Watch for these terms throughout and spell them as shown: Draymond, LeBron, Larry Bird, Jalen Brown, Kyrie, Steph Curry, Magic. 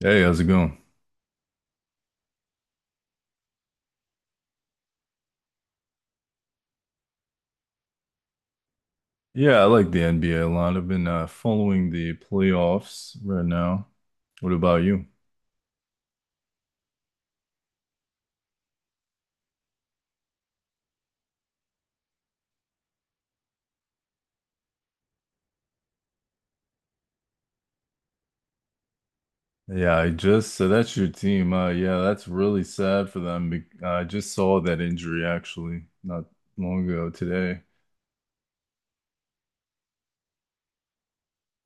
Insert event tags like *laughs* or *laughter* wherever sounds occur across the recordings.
Hey, how's it going? Yeah, I like the NBA a lot. I've been following the playoffs right now. What about you? Yeah, I just so that's your team. Yeah, that's really sad for them. Be I just saw that injury actually not long ago today.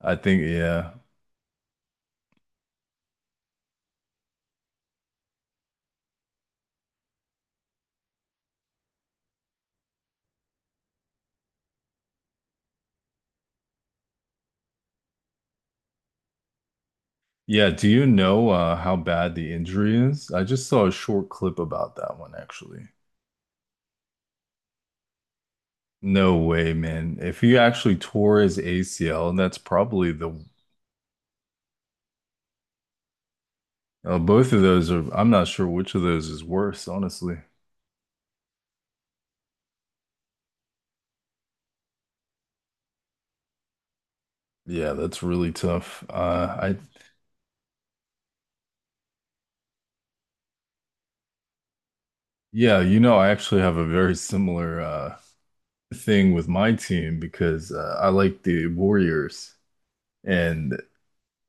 I think yeah, yeah. Do you know how bad the injury is? I just saw a short clip about that one actually. No way, man. If he actually tore his ACL, that's probably the... Oh, both of those are... I'm not sure which of those is worse, honestly. Yeah, that's really tough. Yeah, you know, I actually have a very similar thing with my team because I like the Warriors, and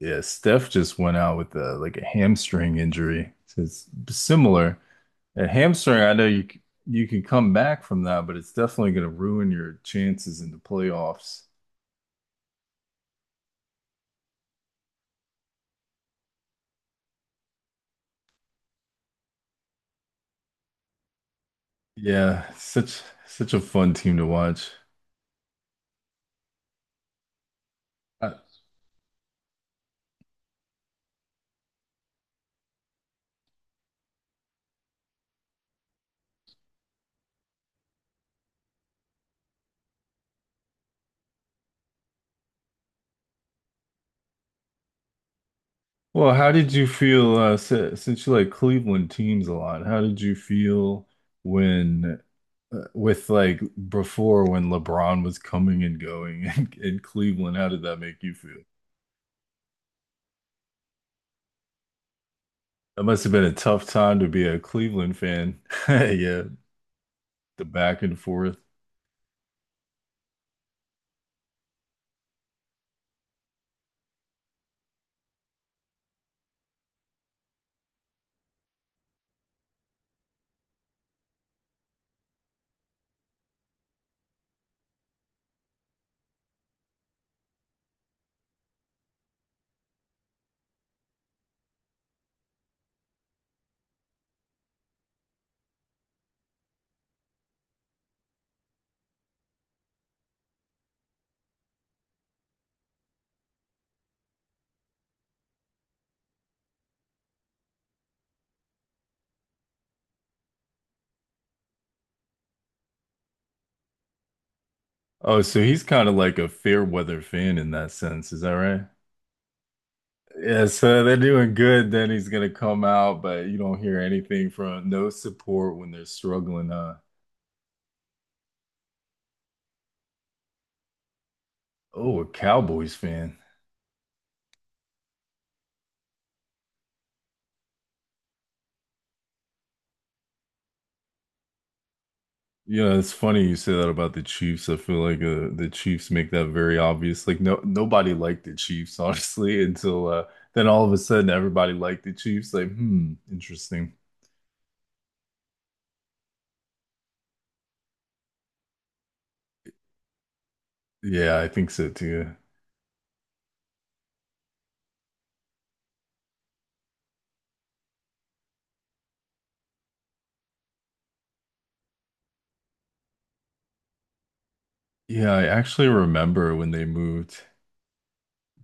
yeah, Steph just went out with a, like a hamstring injury. So it's similar. A hamstring, I know you c- you can come back from that, but it's definitely going to ruin your chances in the playoffs. Yeah, such a fun team to watch. I, Well, how did you feel since you like Cleveland teams a lot? How did you feel when, with like before when LeBron was coming and going *laughs* in Cleveland? How did that make you feel? That must have been a tough time to be a Cleveland fan. *laughs* Yeah, the back and forth. Oh, so he's kind of like a fair weather fan in that sense. Is that right? Yeah, so they're doing good. Then he's gonna come out, but you don't hear anything from no support when they're struggling, huh? Oh, a Cowboys fan. Yeah, it's funny you say that about the Chiefs. I feel like the Chiefs make that very obvious. Like no nobody liked the Chiefs, *laughs* honestly, until then all of a sudden everybody liked the Chiefs. Like, hmm, interesting. Yeah, I think so too. Yeah, I actually remember when they moved.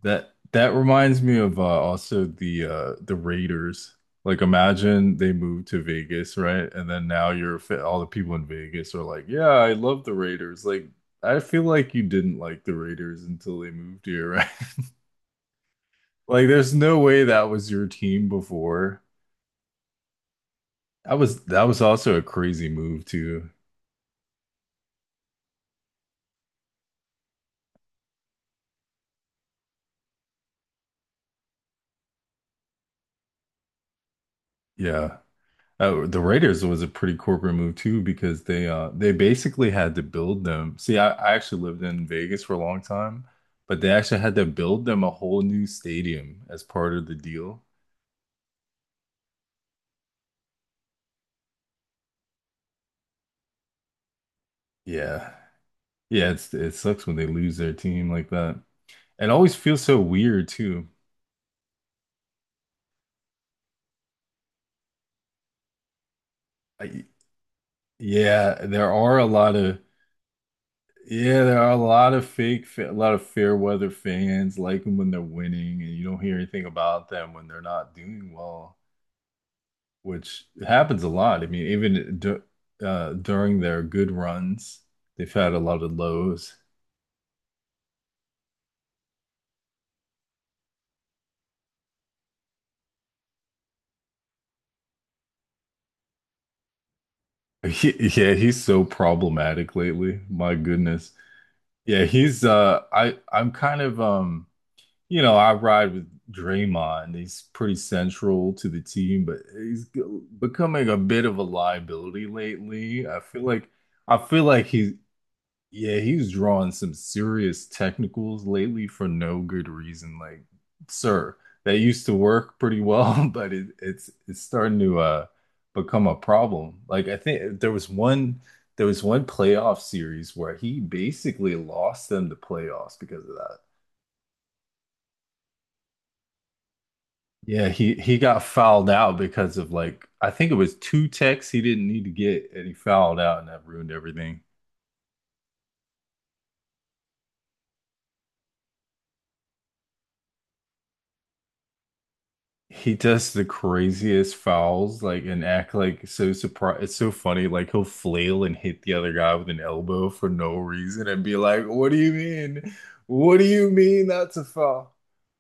That reminds me of also the Raiders. Like imagine they moved to Vegas, right? And then now all the people in Vegas are like, "Yeah, I love the Raiders." Like I feel like you didn't like the Raiders until they moved here, right? *laughs* Like there's no way that was your team before. That was also a crazy move too. Yeah. The Raiders was a pretty corporate move too because they basically had to build them. See, I actually lived in Vegas for a long time, but they actually had to build them a whole new stadium as part of the deal. Yeah. Yeah, it sucks when they lose their team like that. It always feels so weird too. I, yeah, there are a lot of Yeah, there are a lot of a lot of fair weather fans like them when they're winning, and you don't hear anything about them when they're not doing well. Which happens a lot. I mean, even d during their good runs, they've had a lot of lows. *laughs* Yeah, he's so problematic lately. My goodness. Yeah, he's I I'm kind of you know, I ride with Draymond. He's pretty central to the team, but becoming a bit of a liability lately. I feel like he's Yeah, he's drawing some serious technicals lately for no good reason. Like, sir, that used to work pretty well, *laughs* but it's starting to become a problem. Like, I think there was one playoff series where he basically lost them the playoffs because of that. Yeah, he got fouled out because of like I think it was two techs he didn't need to get, and he fouled out, and that ruined everything. He does the craziest fouls, like, and act like so surprised. It's so funny. Like, he'll flail and hit the other guy with an elbow for no reason and be like, "What do you mean? What do you mean that's a foul?"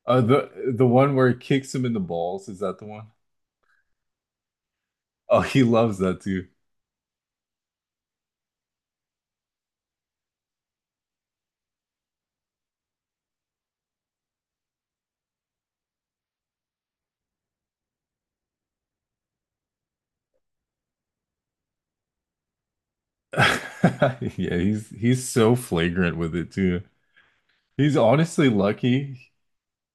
Uh, the the one where he kicks him in the balls, is that the one? Oh, he loves that too. *laughs* Yeah, he's so flagrant with it too. He's honestly lucky.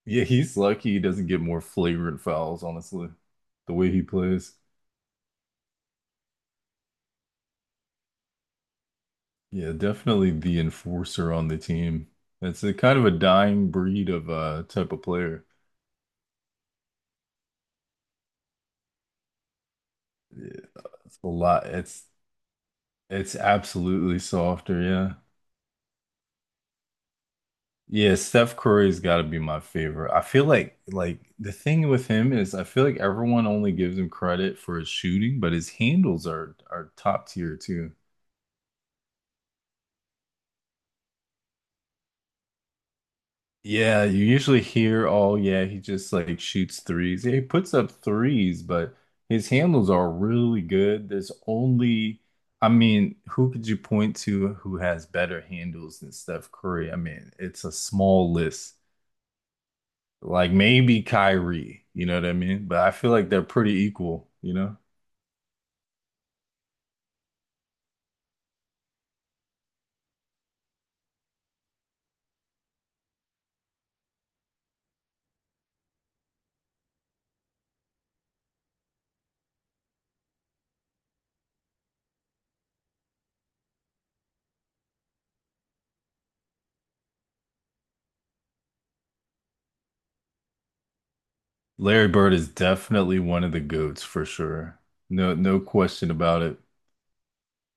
Yeah, he's lucky he doesn't get more flagrant fouls, honestly, the way he plays. Yeah, definitely the enforcer on the team. It's a kind of a dying breed of type of player. Yeah, it's a lot. It's absolutely softer, yeah. Yeah, Steph Curry's got to be my favorite. I feel like the thing with him is I feel like everyone only gives him credit for his shooting, but his handles are top tier too. Yeah, you usually hear, oh yeah, he just like shoots threes. Yeah, he puts up threes, but his handles are really good. There's only, I mean, who could you point to who has better handles than Steph Curry? I mean, it's a small list. Like maybe Kyrie, you know what I mean? But I feel like they're pretty equal, you know? Larry Bird is definitely one of the goats for sure. No, no question about it.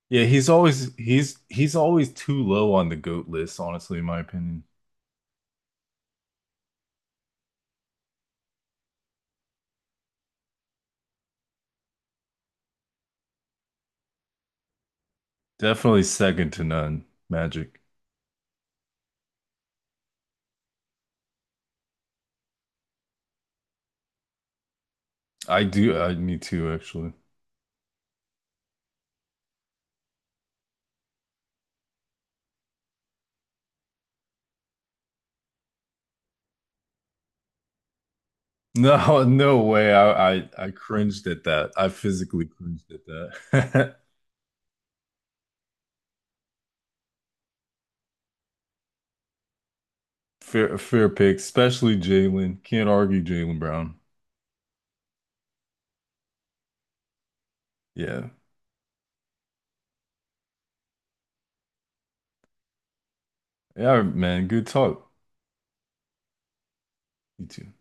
Yeah, he's always too low on the GOAT list, honestly, in my opinion. Definitely second to none, Magic. I do I me too actually. *laughs* No, no way. I cringed at that. I physically cringed at that. *laughs* Fair pick, especially Jalen. Can't argue Jalen Brown. Yeah. Yeah, man, good talk. You too.